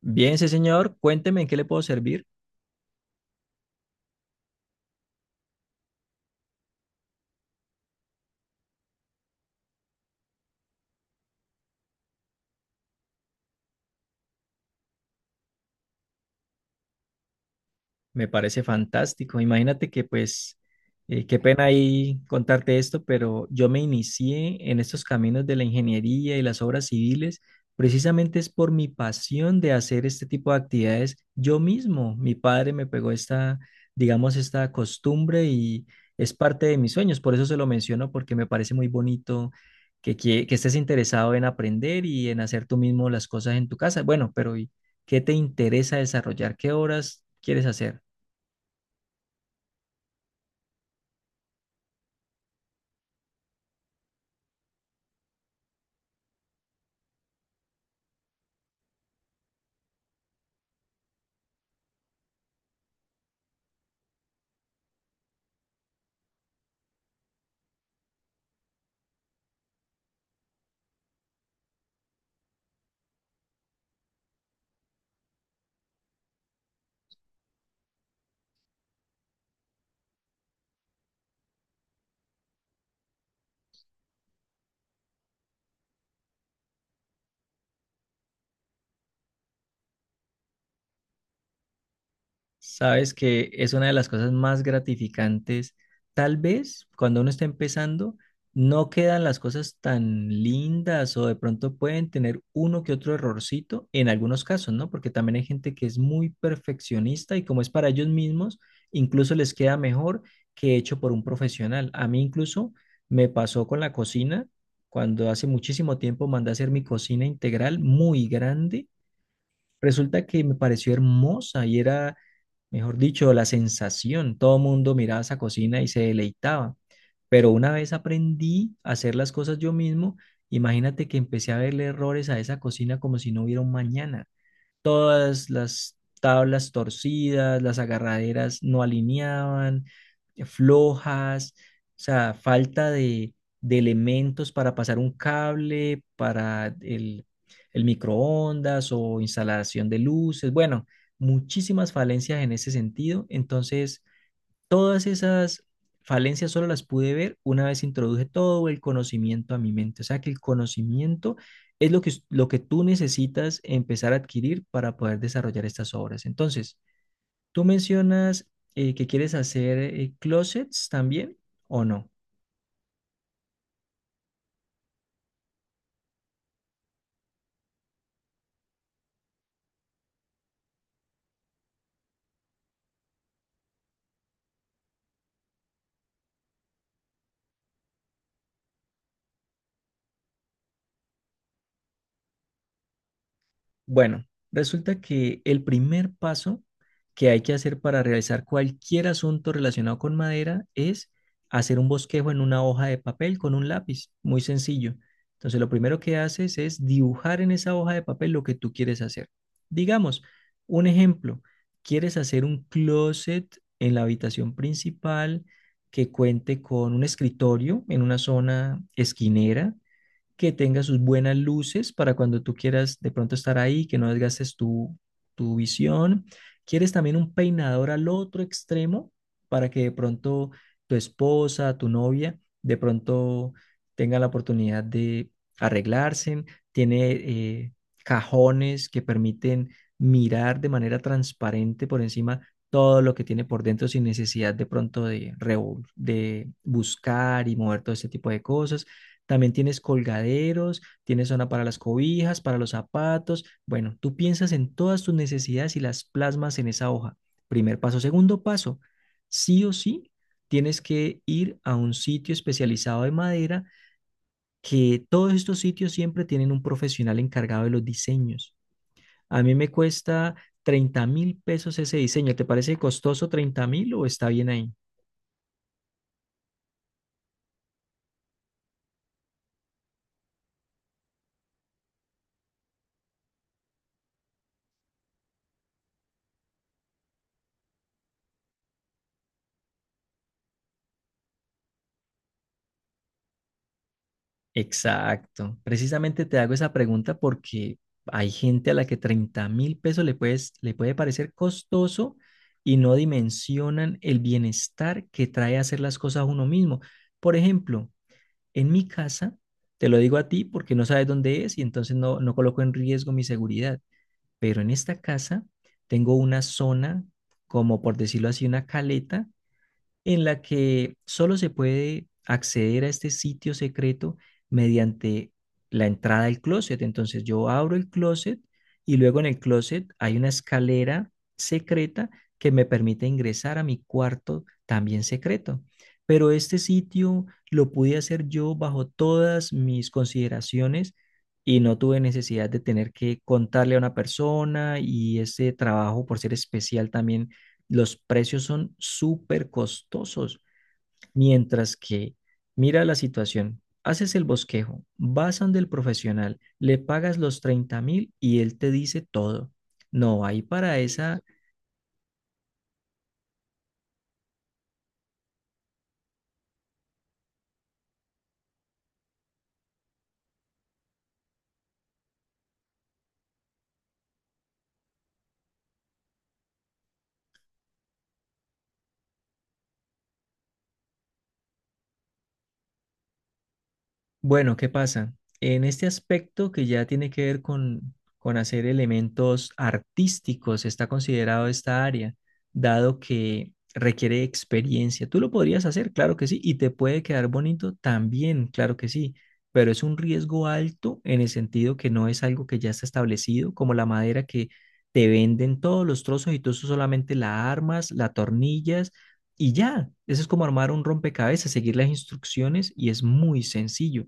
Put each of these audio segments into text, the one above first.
Bien, sí, señor. Cuénteme en qué le puedo servir. Me parece fantástico. Imagínate que pues, qué pena ahí contarte esto, pero yo me inicié en estos caminos de la ingeniería y las obras civiles, precisamente es por mi pasión de hacer este tipo de actividades yo mismo. Mi padre me pegó esta, digamos, esta costumbre y es parte de mis sueños. Por eso se lo menciono, porque me parece muy bonito que estés interesado en aprender y en hacer tú mismo las cosas en tu casa. Bueno, pero ¿y qué te interesa desarrollar? ¿Qué horas quieres hacer? Sabes que es una de las cosas más gratificantes. Tal vez cuando uno está empezando, no quedan las cosas tan lindas o de pronto pueden tener uno que otro errorcito en algunos casos, ¿no? Porque también hay gente que es muy perfeccionista y como es para ellos mismos, incluso les queda mejor que hecho por un profesional. A mí incluso me pasó con la cocina, cuando hace muchísimo tiempo mandé a hacer mi cocina integral muy grande. Resulta que me pareció hermosa y era, mejor dicho, la sensación. Todo el mundo miraba esa cocina y se deleitaba. Pero una vez aprendí a hacer las cosas yo mismo, imagínate que empecé a verle errores a esa cocina como si no hubiera un mañana. Todas las tablas torcidas, las agarraderas no alineaban, flojas, o sea, falta de elementos para pasar un cable, para el microondas o instalación de luces, bueno, muchísimas falencias en ese sentido. Entonces, todas esas falencias solo las pude ver una vez introduje todo el conocimiento a mi mente. O sea que el conocimiento es lo que tú necesitas empezar a adquirir para poder desarrollar estas obras. Entonces, tú mencionas que quieres hacer closets también, ¿o no? Bueno, resulta que el primer paso que hay que hacer para realizar cualquier asunto relacionado con madera es hacer un bosquejo en una hoja de papel con un lápiz, muy sencillo. Entonces, lo primero que haces es dibujar en esa hoja de papel lo que tú quieres hacer. Digamos, un ejemplo, quieres hacer un closet en la habitación principal que cuente con un escritorio en una zona esquinera que tenga sus buenas luces para cuando tú quieras de pronto estar ahí, que no desgastes tu visión. ¿Quieres también un peinador al otro extremo para que de pronto tu esposa, tu novia, de pronto tenga la oportunidad de arreglarse? Tiene cajones que permiten mirar de manera transparente por encima todo lo que tiene por dentro sin necesidad de pronto de buscar y mover todo ese tipo de cosas. También tienes colgaderos, tienes zona para las cobijas, para los zapatos. Bueno, tú piensas en todas tus necesidades y las plasmas en esa hoja. Primer paso. Segundo paso, sí o sí, tienes que ir a un sitio especializado de madera, que todos estos sitios siempre tienen un profesional encargado de los diseños. A mí me cuesta $30.000 ese diseño. ¿Te parece costoso, 30.000, o está bien ahí? Exacto. Precisamente te hago esa pregunta porque hay gente a la que $30.000 le puede parecer costoso y no dimensionan el bienestar que trae hacer las cosas a uno mismo. Por ejemplo, en mi casa, te lo digo a ti porque no sabes dónde es y entonces no, no coloco en riesgo mi seguridad, pero en esta casa tengo una zona, como por decirlo así, una caleta en la que solo se puede acceder a este sitio secreto mediante la entrada del closet. Entonces yo abro el closet y luego en el closet hay una escalera secreta que me permite ingresar a mi cuarto también secreto. Pero este sitio lo pude hacer yo bajo todas mis consideraciones y no tuve necesidad de tener que contarle a una persona, y ese trabajo por ser especial también los precios son súper costosos, mientras que mira la situación, haces el bosquejo, vas donde el profesional, le pagas los 30.000 y él te dice todo. No, ahí para esa. Bueno, ¿qué pasa? En este aspecto que ya tiene que ver con hacer elementos artísticos, está considerado esta área, dado que requiere experiencia. Tú lo podrías hacer, claro que sí, y te puede quedar bonito también, claro que sí, pero es un riesgo alto en el sentido que no es algo que ya está establecido, como la madera que te venden todos los trozos y tú solamente la armas, la tornillas. Y ya, eso es como armar un rompecabezas, seguir las instrucciones y es muy sencillo,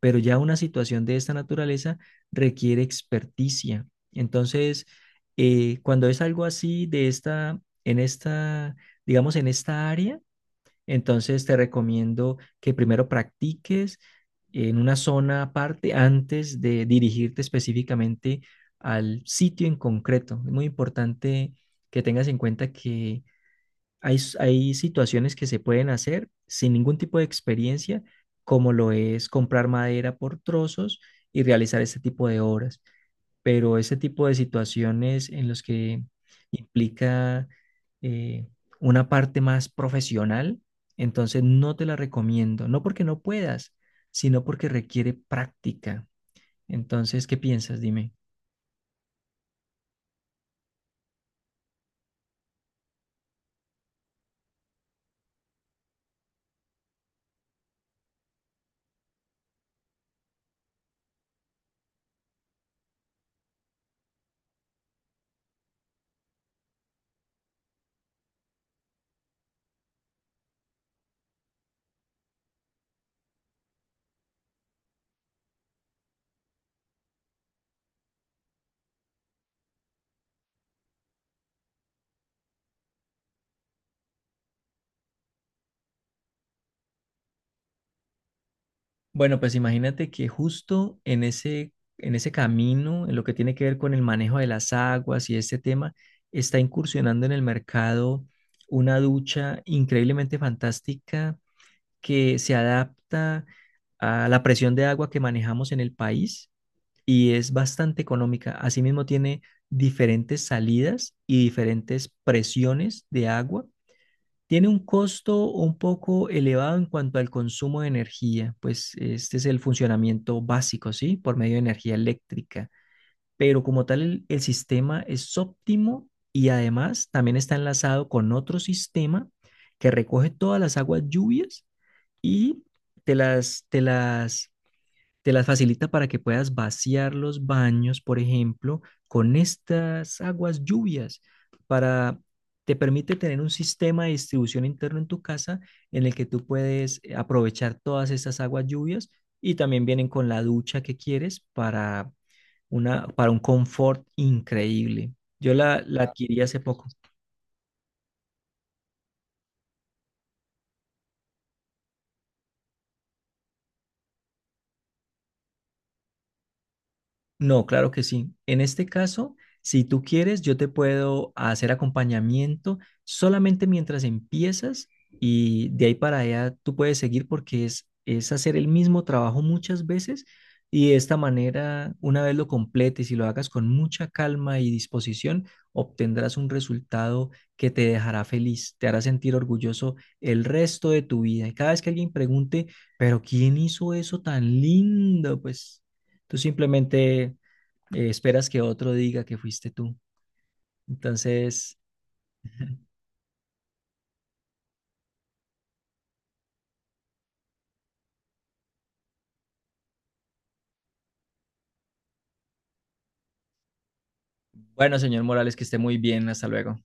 pero ya una situación de esta naturaleza requiere experticia. Entonces, cuando es algo así de esta, en esta, digamos, en esta área, entonces te recomiendo que primero practiques en una zona aparte antes de dirigirte específicamente al sitio en concreto. Es muy importante que tengas en cuenta que hay situaciones que se pueden hacer sin ningún tipo de experiencia, como lo es comprar madera por trozos y realizar este tipo de obras. Pero ese tipo de situaciones en los que implica eh, una parte más profesional, entonces no te la recomiendo. No porque no puedas, sino porque requiere práctica. Entonces, ¿qué piensas? Dime. Bueno, pues imagínate que justo en ese camino, en lo que tiene que ver con, el manejo de las aguas y este tema, está incursionando en el mercado una ducha increíblemente fantástica que se adapta a la presión de agua que manejamos en el país y es bastante económica. Asimismo, tiene diferentes salidas y diferentes presiones de agua. Tiene un costo un poco elevado en cuanto al consumo de energía, pues este es el funcionamiento básico, ¿sí? Por medio de energía eléctrica. Pero como tal, el sistema es óptimo y además también está enlazado con otro sistema que recoge todas las aguas lluvias y te las, te las te las facilita para que puedas vaciar los baños, por ejemplo, con estas aguas lluvias, para te permite tener un sistema de distribución interno en tu casa en el que tú puedes aprovechar todas estas aguas lluvias, y también vienen con la ducha que quieres para una para un confort increíble. Yo la adquirí hace poco. No, claro que sí. En este caso, si tú quieres, yo te puedo hacer acompañamiento solamente mientras empiezas, y de ahí para allá tú puedes seguir porque es hacer el mismo trabajo muchas veces, y de esta manera, una vez lo completes y lo hagas con mucha calma y disposición, obtendrás un resultado que te dejará feliz, te hará sentir orgulloso el resto de tu vida. Y cada vez que alguien pregunte, pero ¿quién hizo eso tan lindo? Pues, tú simplemente esperas que otro diga que fuiste tú. Entonces, bueno, señor Morales, que esté muy bien. Hasta luego.